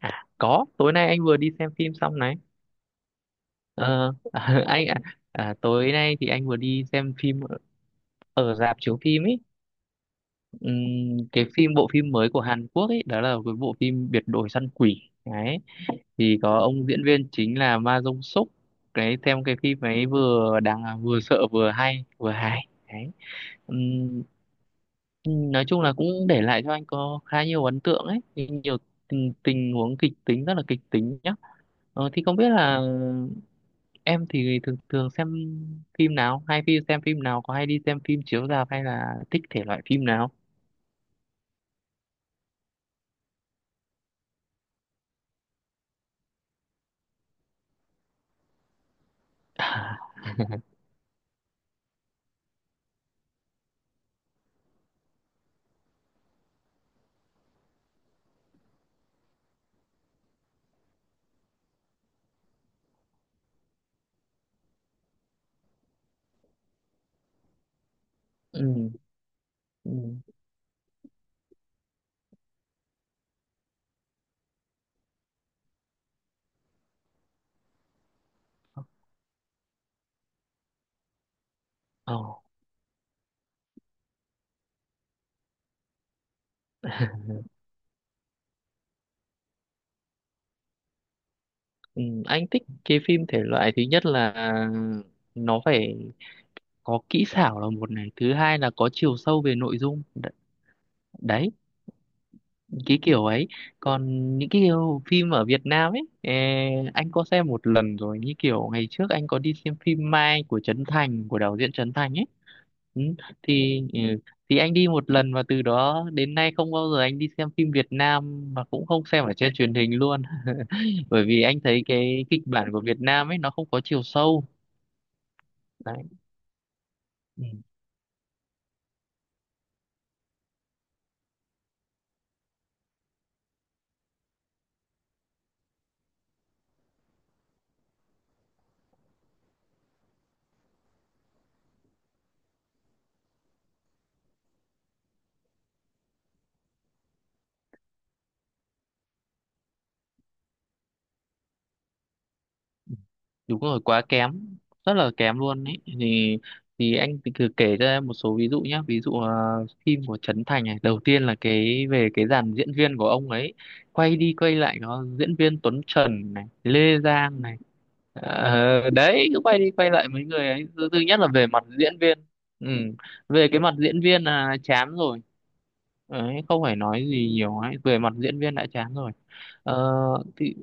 À, có, tối nay anh vừa đi xem phim xong này. Ờ, anh tối nay thì anh vừa đi xem phim ở ở rạp chiếu phim ấy. Cái phim bộ phim mới của Hàn Quốc ấy, đó là cái bộ phim Biệt đội săn quỷ. Đấy, thì có ông diễn viên chính là Ma Dông Súc. Cái xem cái phim ấy vừa đáng vừa sợ vừa hay, vừa hài. Đấy. Ừm, nói chung là cũng để lại cho anh có khá nhiều ấn tượng ấy, nhiều tình huống kịch tính rất là kịch tính nhá. Thì không biết là em thì thường thường xem phim nào hay phim xem phim nào có hay đi xem phim chiếu rạp hay là thích thể loại phim nào. À. Ừ. Ừ. Ồ. Ừ, anh thích cái phim thể loại thứ nhất là nó phải có kỹ xảo là một này, thứ hai là có chiều sâu về nội dung. Đấy, cái kiểu ấy. Còn những cái kiểu phim ở Việt Nam ấy, anh có xem một lần rồi, như kiểu ngày trước anh có đi xem phim Mai của Trấn Thành, của đạo diễn Trấn Thành ấy. Ừ, thì ừ, thì anh đi một lần và từ đó đến nay không bao giờ anh đi xem phim Việt Nam mà cũng không xem ở trên truyền hình luôn. Bởi vì anh thấy cái kịch bản của Việt Nam ấy nó không có chiều sâu. Đấy, đúng rồi, quá kém, rất là kém luôn ấy. Thì anh thì cứ kể cho em một số ví dụ nhé. Ví dụ, phim của Trấn Thành này, đầu tiên là cái về cái dàn diễn viên của ông ấy, quay đi quay lại có diễn viên Tuấn Trần này, Lê Giang này. Đấy, cứ quay đi quay lại mấy người ấy. Thứ nhất là về mặt diễn viên. Ừ. Về cái mặt diễn viên là chán rồi. Đấy, không phải nói gì nhiều ấy, về mặt diễn viên đã chán rồi. Ờ, thì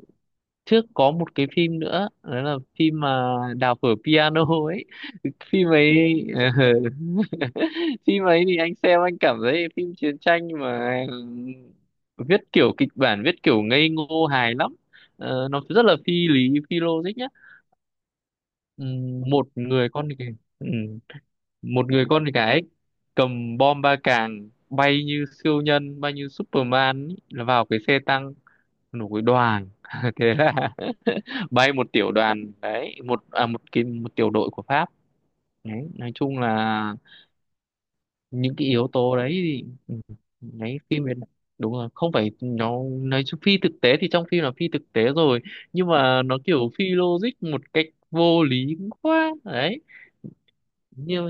trước có một cái phim nữa, đó là phim mà đào phở piano ấy. Phim ấy phim ấy thì anh xem, anh cảm thấy phim chiến tranh mà viết kiểu kịch bản viết kiểu ngây ngô hài lắm. Nó rất là phi lý, phi logic nhá. Ừm, một người con thì ừm, một người con thì cầm bom ba càng, bay như siêu nhân, bay như Superman ý, là vào cái xe tăng một cái đoàn thế là bay một tiểu đoàn đấy, một à, một cái một tiểu đội của Pháp. Đấy, nói chung là những cái yếu tố đấy thì, đấy. Đúng rồi, không phải nó, nói chung phi thực tế thì trong phim là phi thực tế rồi, nhưng mà nó kiểu phi logic một cách vô lý quá. Đấy, như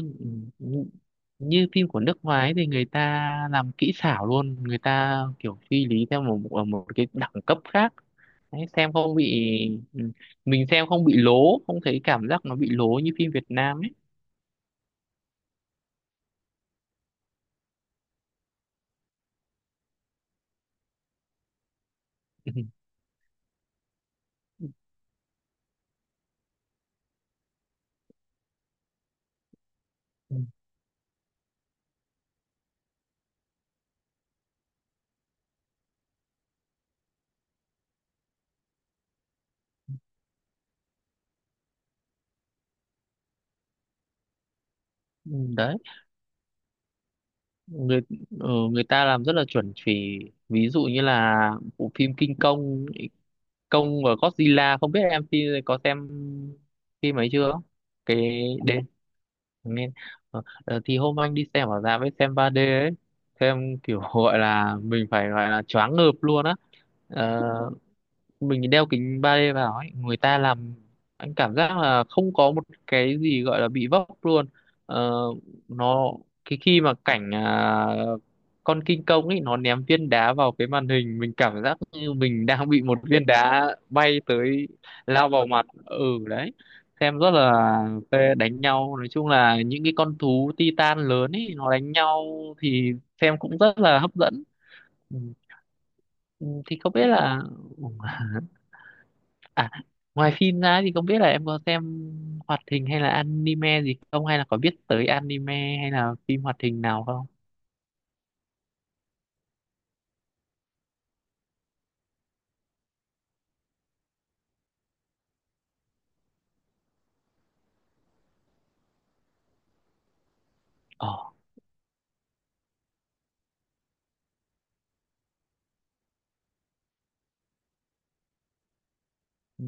như phim của nước ngoài ấy thì người ta làm kỹ xảo luôn, người ta kiểu suy lý theo một ở một cái đẳng cấp khác. Đấy, xem không bị ừ, mình xem không bị lố, không thấy cảm giác nó bị lố như phim Việt Nam ấy. Ừ, ừ, ừ. Đấy, người người ta làm rất là chuẩn chỉ. Ví dụ như là bộ phim King Kong, Kong và Godzilla, không biết em phim có xem phim ấy chưa cái. Ừ, nghe. Thì hôm anh đi xem ở rạp với xem 3D ấy, xem kiểu gọi là mình phải gọi là choáng ngợp luôn á. Ờ, mình đeo kính 3D vào ấy, người ta làm anh cảm giác là không có một cái gì gọi là bị vấp luôn. Ờ, nó cái khi mà cảnh, con kinh công ấy nó ném viên đá vào cái màn hình, mình cảm giác như mình đang bị một viên đá bay tới, lao vào mặt. Ừ đấy xem rất là phê. Đánh nhau nói chung là những cái con thú Titan lớn ấy nó đánh nhau thì xem cũng rất là hấp dẫn. Ừ, thì không biết là. À, ngoài phim ra thì không biết là em có xem hoạt hình hay là anime gì không, hay là có biết tới anime hay là phim hoạt hình nào không? Ờ. Ừ.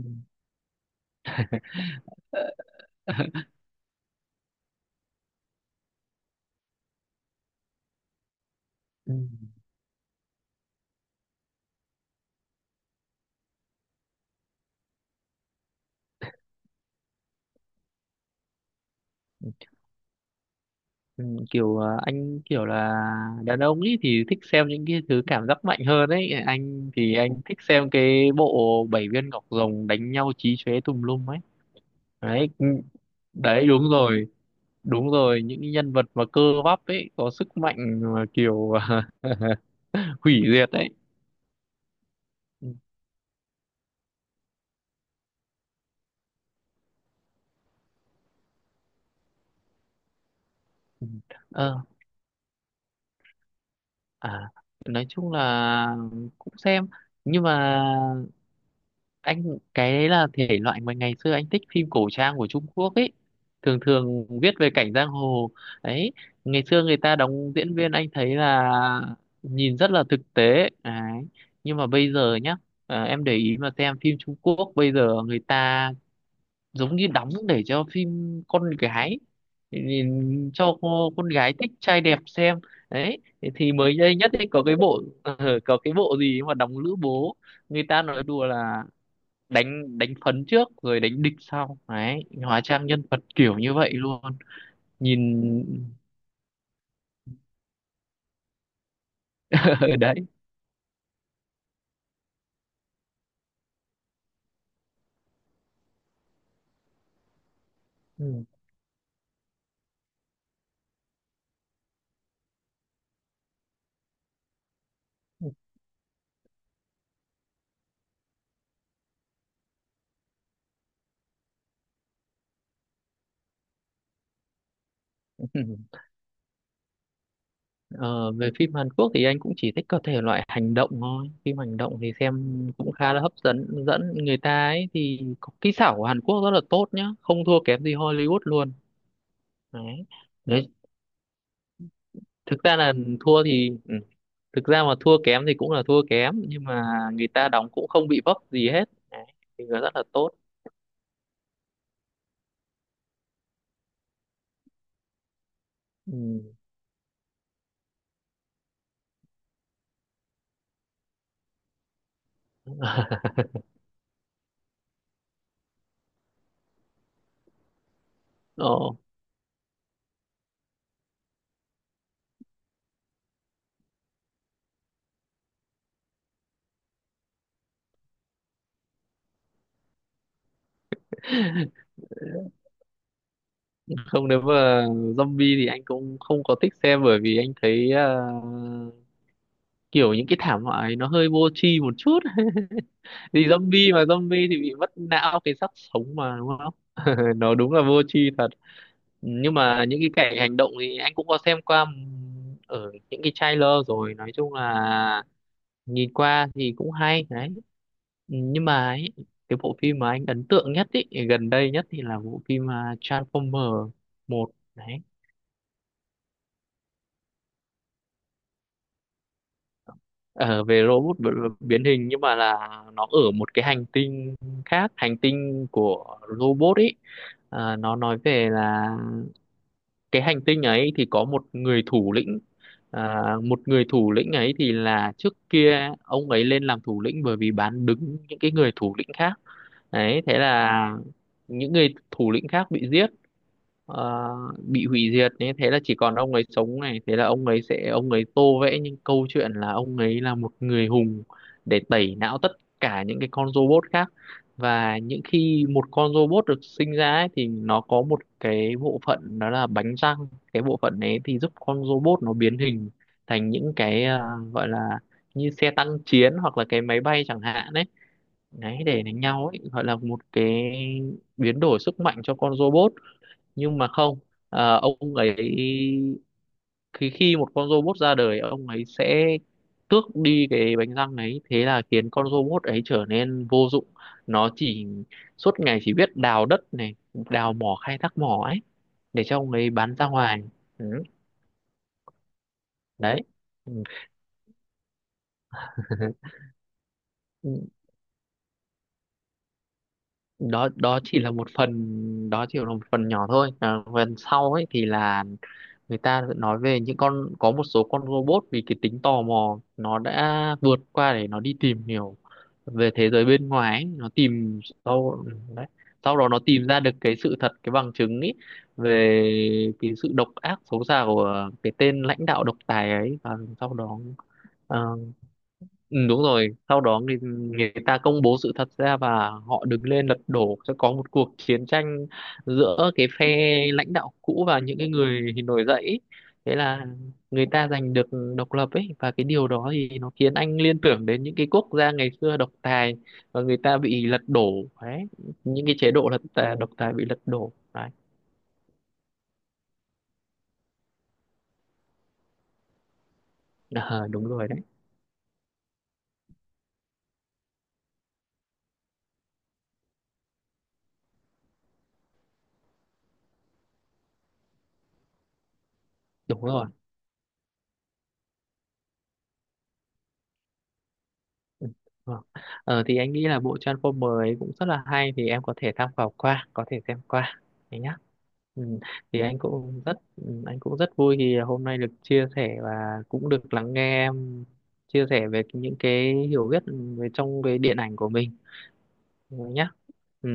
Ừ. Ừ. Kiểu anh kiểu là đàn ông ấy thì thích xem những cái thứ cảm giác mạnh hơn ấy, anh thì anh thích xem cái bộ bảy viên ngọc rồng đánh nhau chí chóe tùm lum ấy. Đấy, ừ, đấy, đúng rồi, đúng rồi, những cái nhân vật mà cơ bắp ấy có sức mạnh mà kiểu hủy diệt ấy. Ừ. Ừ. Ờ, À, nói chung là cũng xem, nhưng mà anh cái đấy là thể loại mà ngày xưa anh thích phim cổ trang của Trung Quốc ấy, thường thường viết về cảnh giang hồ ấy, ngày xưa người ta đóng diễn viên anh thấy là nhìn rất là thực tế đấy. Nhưng mà bây giờ nhá, em để ý mà xem phim Trung Quốc bây giờ người ta giống như đóng để cho phim con gái, thì cho con gái thích trai đẹp xem. Đấy, thì mới đây nhất ấy có cái bộ có cái bộ gì mà đóng lữ bố. Người ta nói đùa là đánh đánh phấn trước rồi đánh địch sau, đấy, hóa trang nhân vật kiểu như vậy luôn. Nhìn đấy. Ừ. Ờ, về phim Hàn Quốc thì anh cũng chỉ thích các thể loại hành động thôi. Phim hành động thì xem cũng khá là hấp dẫn. Dẫn người ta ấy thì có kỹ xảo của Hàn Quốc rất là tốt nhá, không thua kém gì Hollywood luôn. Đấy. Đấy. Thực ra là thua thì ừ. Thực ra mà thua kém thì cũng là thua kém, nhưng mà người ta đóng cũng không bị vấp gì hết. Đấy. Thì nó rất là tốt. Ừ. Ờ, Không, nếu mà zombie thì anh cũng không có thích xem, bởi vì anh thấy kiểu những cái thảm họa ấy nó hơi vô tri một chút, thì zombie mà zombie thì bị mất não, cái xác sống mà đúng không, nó đúng là vô tri thật. Nhưng mà những cái cảnh hành động thì anh cũng có xem qua ở những cái trailer rồi, nói chung là nhìn qua thì cũng hay đấy. Nhưng mà ấy, cái bộ phim mà anh ấn tượng nhất ý, gần đây nhất thì là bộ phim, Transformer 1 đấy. Ờ, về robot biến hình, nhưng mà là nó ở một cái hành tinh, khác hành tinh của robot ấy. Nó nói về là cái hành tinh ấy thì có một người thủ lĩnh, một người thủ lĩnh ấy thì là trước kia ông ấy lên làm thủ lĩnh bởi vì bán đứng những cái người thủ lĩnh khác. Đấy, thế là những người thủ lĩnh khác bị giết, ờ, bị hủy diệt ấy, thế là chỉ còn ông ấy sống này, thế là ông ấy sẽ ông ấy tô vẽ những câu chuyện là ông ấy là một người hùng để tẩy não tất cả những cái con robot khác. Và những khi một con robot được sinh ra ấy, thì nó có một cái bộ phận đó là bánh răng. Cái bộ phận ấy thì giúp con robot nó biến hình thành những cái, gọi là như xe tăng chiến hoặc là cái máy bay chẳng hạn đấy. Đấy, để đánh nhau ấy, gọi là một cái biến đổi sức mạnh cho con robot. Nhưng mà không, ông ấy, khi khi một con robot ra đời, ông ấy sẽ tước đi cái bánh răng ấy, thế là khiến con robot ấy trở nên vô dụng. Nó chỉ suốt ngày chỉ biết đào đất này, đào mỏ, khai thác mỏ ấy để cho ông ấy bán ra ngoài. Ừ, đấy. Ừ. đó đó chỉ là một phần, đó chỉ là một phần nhỏ thôi. Phần sau ấy thì là người ta vẫn nói về những con, có một số con robot vì cái tính tò mò nó đã vượt qua để nó đi tìm hiểu về thế giới bên ngoài ấy. Nó tìm sau đấy, sau đó nó tìm ra được cái sự thật, cái bằng chứng ấy về cái sự độc ác xấu xa của cái tên lãnh đạo độc tài ấy và sau đó, ờ, ừ, đúng rồi, sau đó người ta công bố sự thật ra và họ đứng lên lật đổ, sẽ có một cuộc chiến tranh giữa cái phe lãnh đạo cũ và những cái người nổi dậy ý. Thế là người ta giành được độc lập ấy, và cái điều đó thì nó khiến anh liên tưởng đến những cái quốc gia ngày xưa độc tài và người ta bị lật đổ đấy, những cái chế độ độc tài bị lật đổ đấy. Ờ, đúng rồi đấy, đúng rồi. Ừ, vâng. Thì anh nghĩ là bộ Transformer ấy cũng rất là hay, thì em có thể tham khảo qua, có thể xem qua đấy nhá. Ừ. Thì anh cũng rất vui khi hôm nay được chia sẻ và cũng được lắng nghe em chia sẻ về những cái hiểu biết về trong cái điện ảnh của mình đấy nhá. Ừ.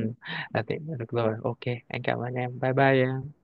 Thế, được rồi, ok, anh cảm ơn em, bye bye.